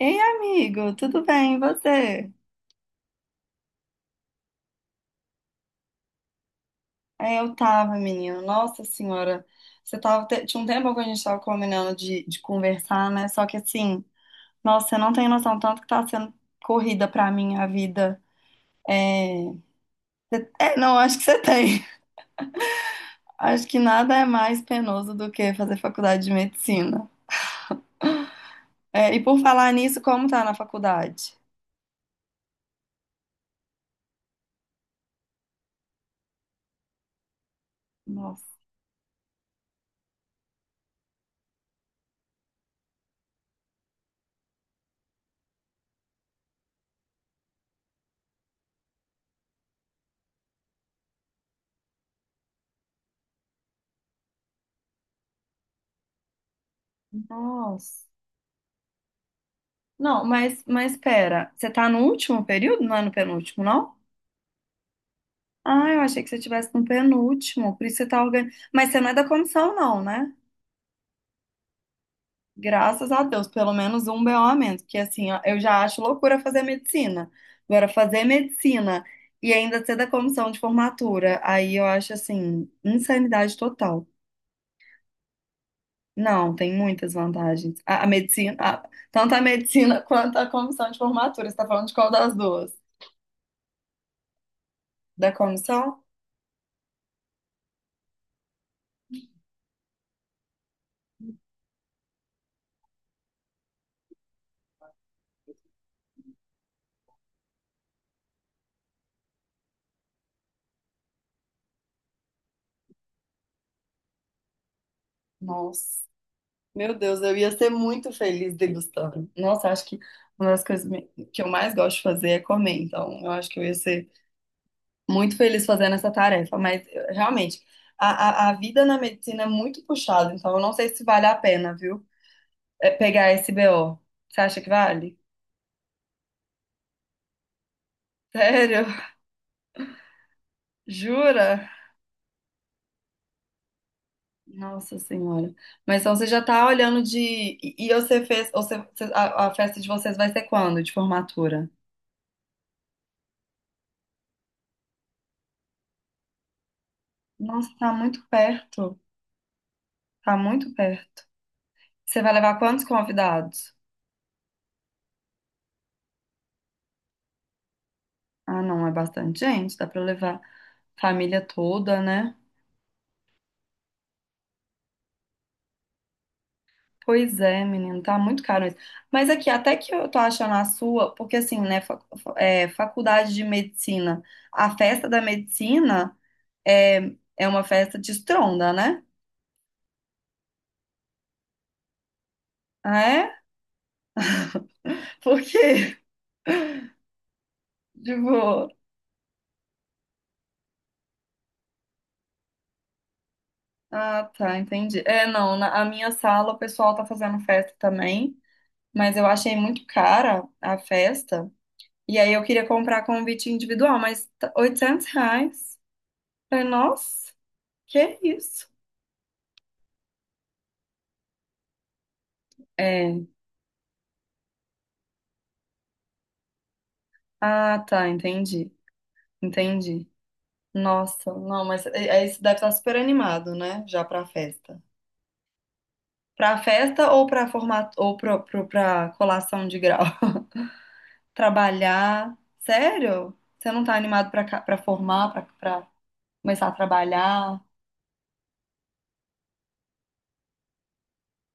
Ei, amigo, tudo bem? E você? É, eu tava, menino. Nossa senhora, tinha um tempo que a gente tava combinando de conversar, né? Só que assim, nossa, você não tem noção tanto que tá sendo corrida pra mim a vida. É, é, não, acho que você tem. Acho que nada é mais penoso do que fazer faculdade de medicina. É, e por falar nisso, como tá na faculdade? Nossa, nossa. Não, mas pera, você tá no último período? Não é no penúltimo, não? Ah, eu achei que você estivesse no penúltimo, por isso você tá organizando. Mas você não é da comissão, não, né? Graças a Deus, pelo menos um BO a menos, porque assim, ó, eu já acho loucura fazer medicina. Agora, fazer medicina e ainda ser da comissão de formatura, aí eu acho assim, insanidade total. Não, tem muitas vantagens. A medicina, tanto a medicina quanto a comissão de formatura. Você tá falando de qual das duas? Da comissão? Nossa. Meu Deus, eu ia ser muito feliz degustando. Nossa, acho que uma das coisas que eu mais gosto de fazer é comer, então eu acho que eu ia ser muito feliz fazendo essa tarefa, mas realmente, a vida na medicina é muito puxada, então eu não sei se vale a pena, viu? É pegar esse BO. Você acha que vale? Sério? Jura? Nossa Senhora. Mas então você já tá olhando de. E você fez. A festa de vocês vai ser quando? De formatura? Nossa, tá muito perto. Tá muito perto. Você vai levar quantos convidados? Ah, não, é bastante gente, dá pra levar família toda, né? Pois é, menino, tá muito caro isso. Mas aqui, até que eu tô achando a sua, porque assim, né, é, faculdade de medicina, a festa da medicina é, é uma festa de estronda, né? Ah, é? Por quê? Tipo, ah, tá, entendi. É, não, na a minha sala o pessoal tá fazendo festa também, mas eu achei muito cara a festa. E aí eu queria comprar convite individual, mas R$ 800. Falei, nossa, que isso? É. Ah, tá, entendi. Entendi. Nossa, não, mas é isso deve estar super animado, né? Já pra festa. Pra festa ou pra formato ou pra colação de grau? Trabalhar. Sério? Você não tá animado pra formar, pra começar a trabalhar?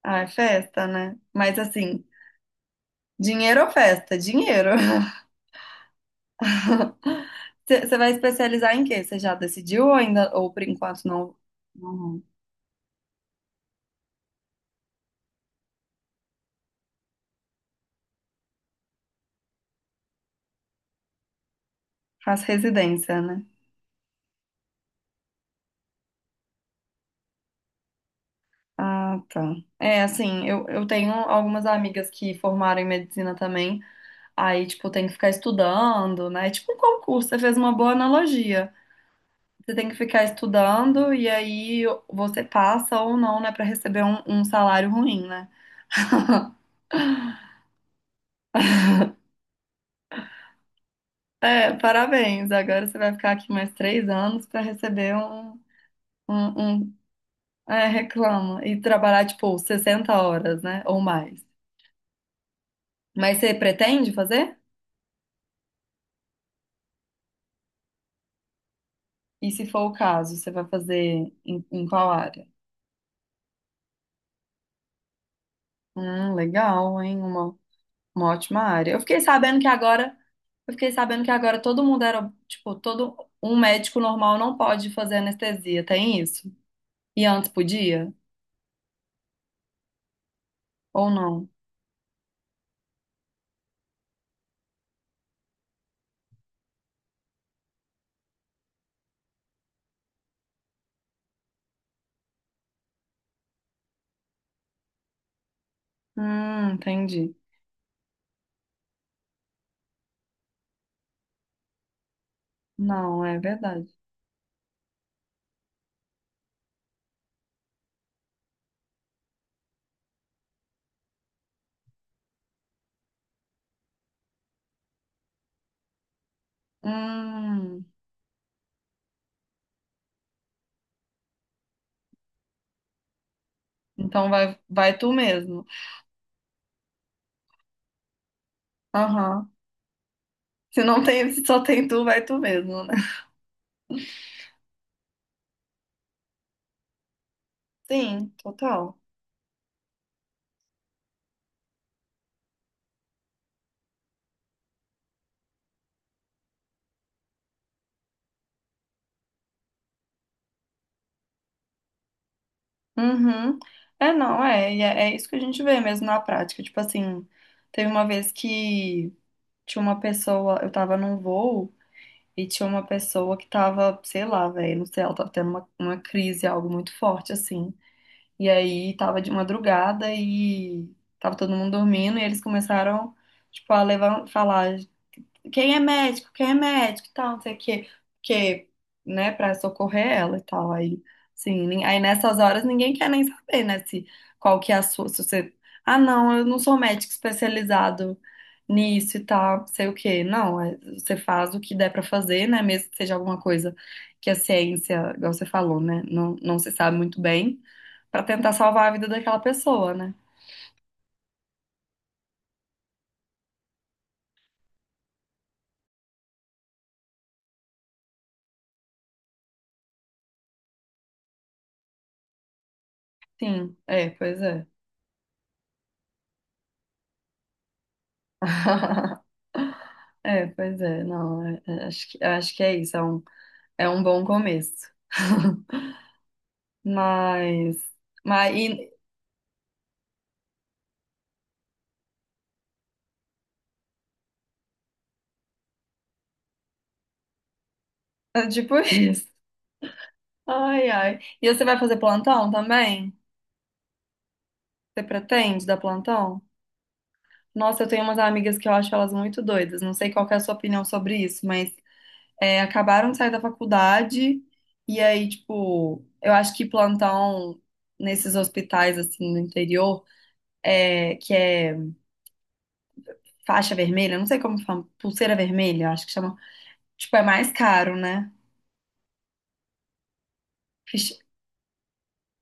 Ah, é festa, né? Mas assim, dinheiro ou festa? Dinheiro. Você vai especializar em quê? Você já decidiu ou ainda, ou por enquanto não, não faz residência, né? Ah, tá. É, assim, eu tenho algumas amigas que formaram em medicina também, aí, tipo, tem que ficar estudando, né? É tipo um concurso, você fez uma boa analogia. Você tem que ficar estudando e aí você passa ou não, né, pra receber um, salário ruim, né? É, parabéns. Agora você vai ficar aqui mais 3 anos pra receber um. É, reclama. E trabalhar, tipo, 60 horas, né? Ou mais. Mas você pretende fazer? E se for o caso, você vai fazer em qual área? Legal, hein? Uma ótima área. Eu fiquei sabendo que agora. Eu fiquei sabendo que agora todo mundo era. Tipo, todo. Um médico normal não pode fazer anestesia, tem isso? E antes podia? Ou não? Entendi. Não, é verdade. Hum, então vai, vai tu mesmo. Aham. Se não tem, se só tem tu, vai tu mesmo, né? Sim, total. Uhum. É, não, é, e é isso que a gente vê mesmo na prática. Tipo assim, teve uma vez que tinha uma pessoa, eu tava num voo e tinha uma pessoa que tava, sei lá, velho, não sei, ela tava tendo uma crise, algo muito forte, assim. E aí tava de madrugada e tava todo mundo dormindo e eles começaram, tipo, a levar, falar. Quem é médico, quem é médico, e tal, não sei o quê, porque, né, pra socorrer ela e tal, aí, sim, aí nessas horas ninguém quer nem saber, né, se, qual que é a sua, se você, ah, não, eu não sou médico especializado nisso e tal, sei o quê, não, você faz o que der pra fazer, né, mesmo que seja alguma coisa que a ciência, igual você falou, né, não, se sabe muito bem, pra tentar salvar a vida daquela pessoa, né, sim, é, pois é. É, pois é, não, acho que é isso, é um bom começo. Mas, mas e, é tipo isso. Ai, ai. E você vai fazer plantão também? Você pretende dar plantão? Nossa, eu tenho umas amigas que eu acho elas muito doidas. Não sei qual que é a sua opinião sobre isso, mas é, acabaram de sair da faculdade e aí, tipo, eu acho que plantão nesses hospitais assim no interior, é, que é faixa vermelha, não sei como fala, pulseira vermelha, acho que chama. Tipo, é mais caro, né? Ficha-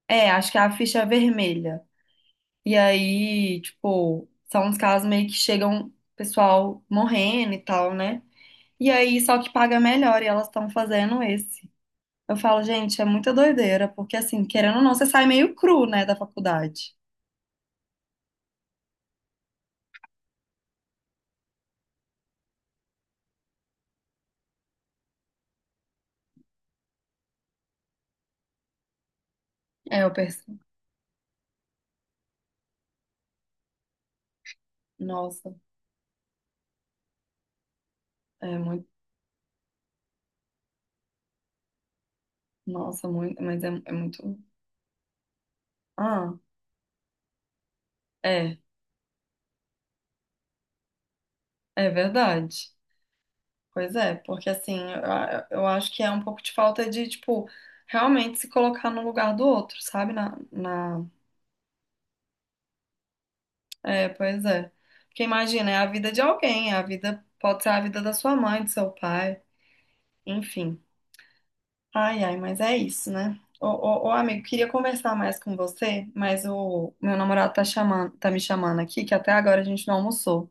É, acho que é a ficha vermelha. E aí, tipo, são os casos meio que chegam pessoal morrendo e tal, né? E aí, só que paga melhor e elas estão fazendo esse. Eu falo, gente, é muita doideira, porque assim, querendo ou não, você sai meio cru, né, da faculdade. É, eu percebo. Nossa, é muito. Nossa, muito. Mas é muito. Ah, é, é verdade. Pois é, porque assim, eu acho que é um pouco de falta de, tipo, realmente se colocar no lugar do outro, sabe? Na, na... É, pois é. Porque imagina, é a vida de alguém, é a vida, pode ser a vida da sua mãe, do seu pai, enfim. Ai, ai, mas é isso, né? Ô, ô, ô, amigo, queria conversar mais com você, mas o meu namorado tá chamando, tá me chamando aqui, que até agora a gente não almoçou.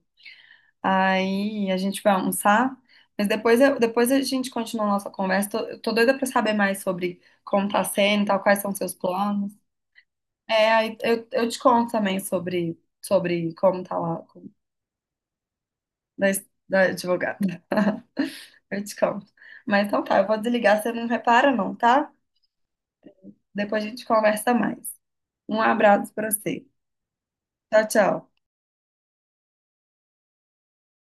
Aí a gente vai almoçar, mas depois, depois a gente continua a nossa conversa. Tô doida pra saber mais sobre como tá sendo, e tal, quais são seus planos. É, aí eu te conto também sobre como tá lá da, da advogada. Eu te conto. Mas então tá, eu vou desligar, você não repara não, tá? Depois a gente conversa mais. Um abraço pra você. Tchau, tchau.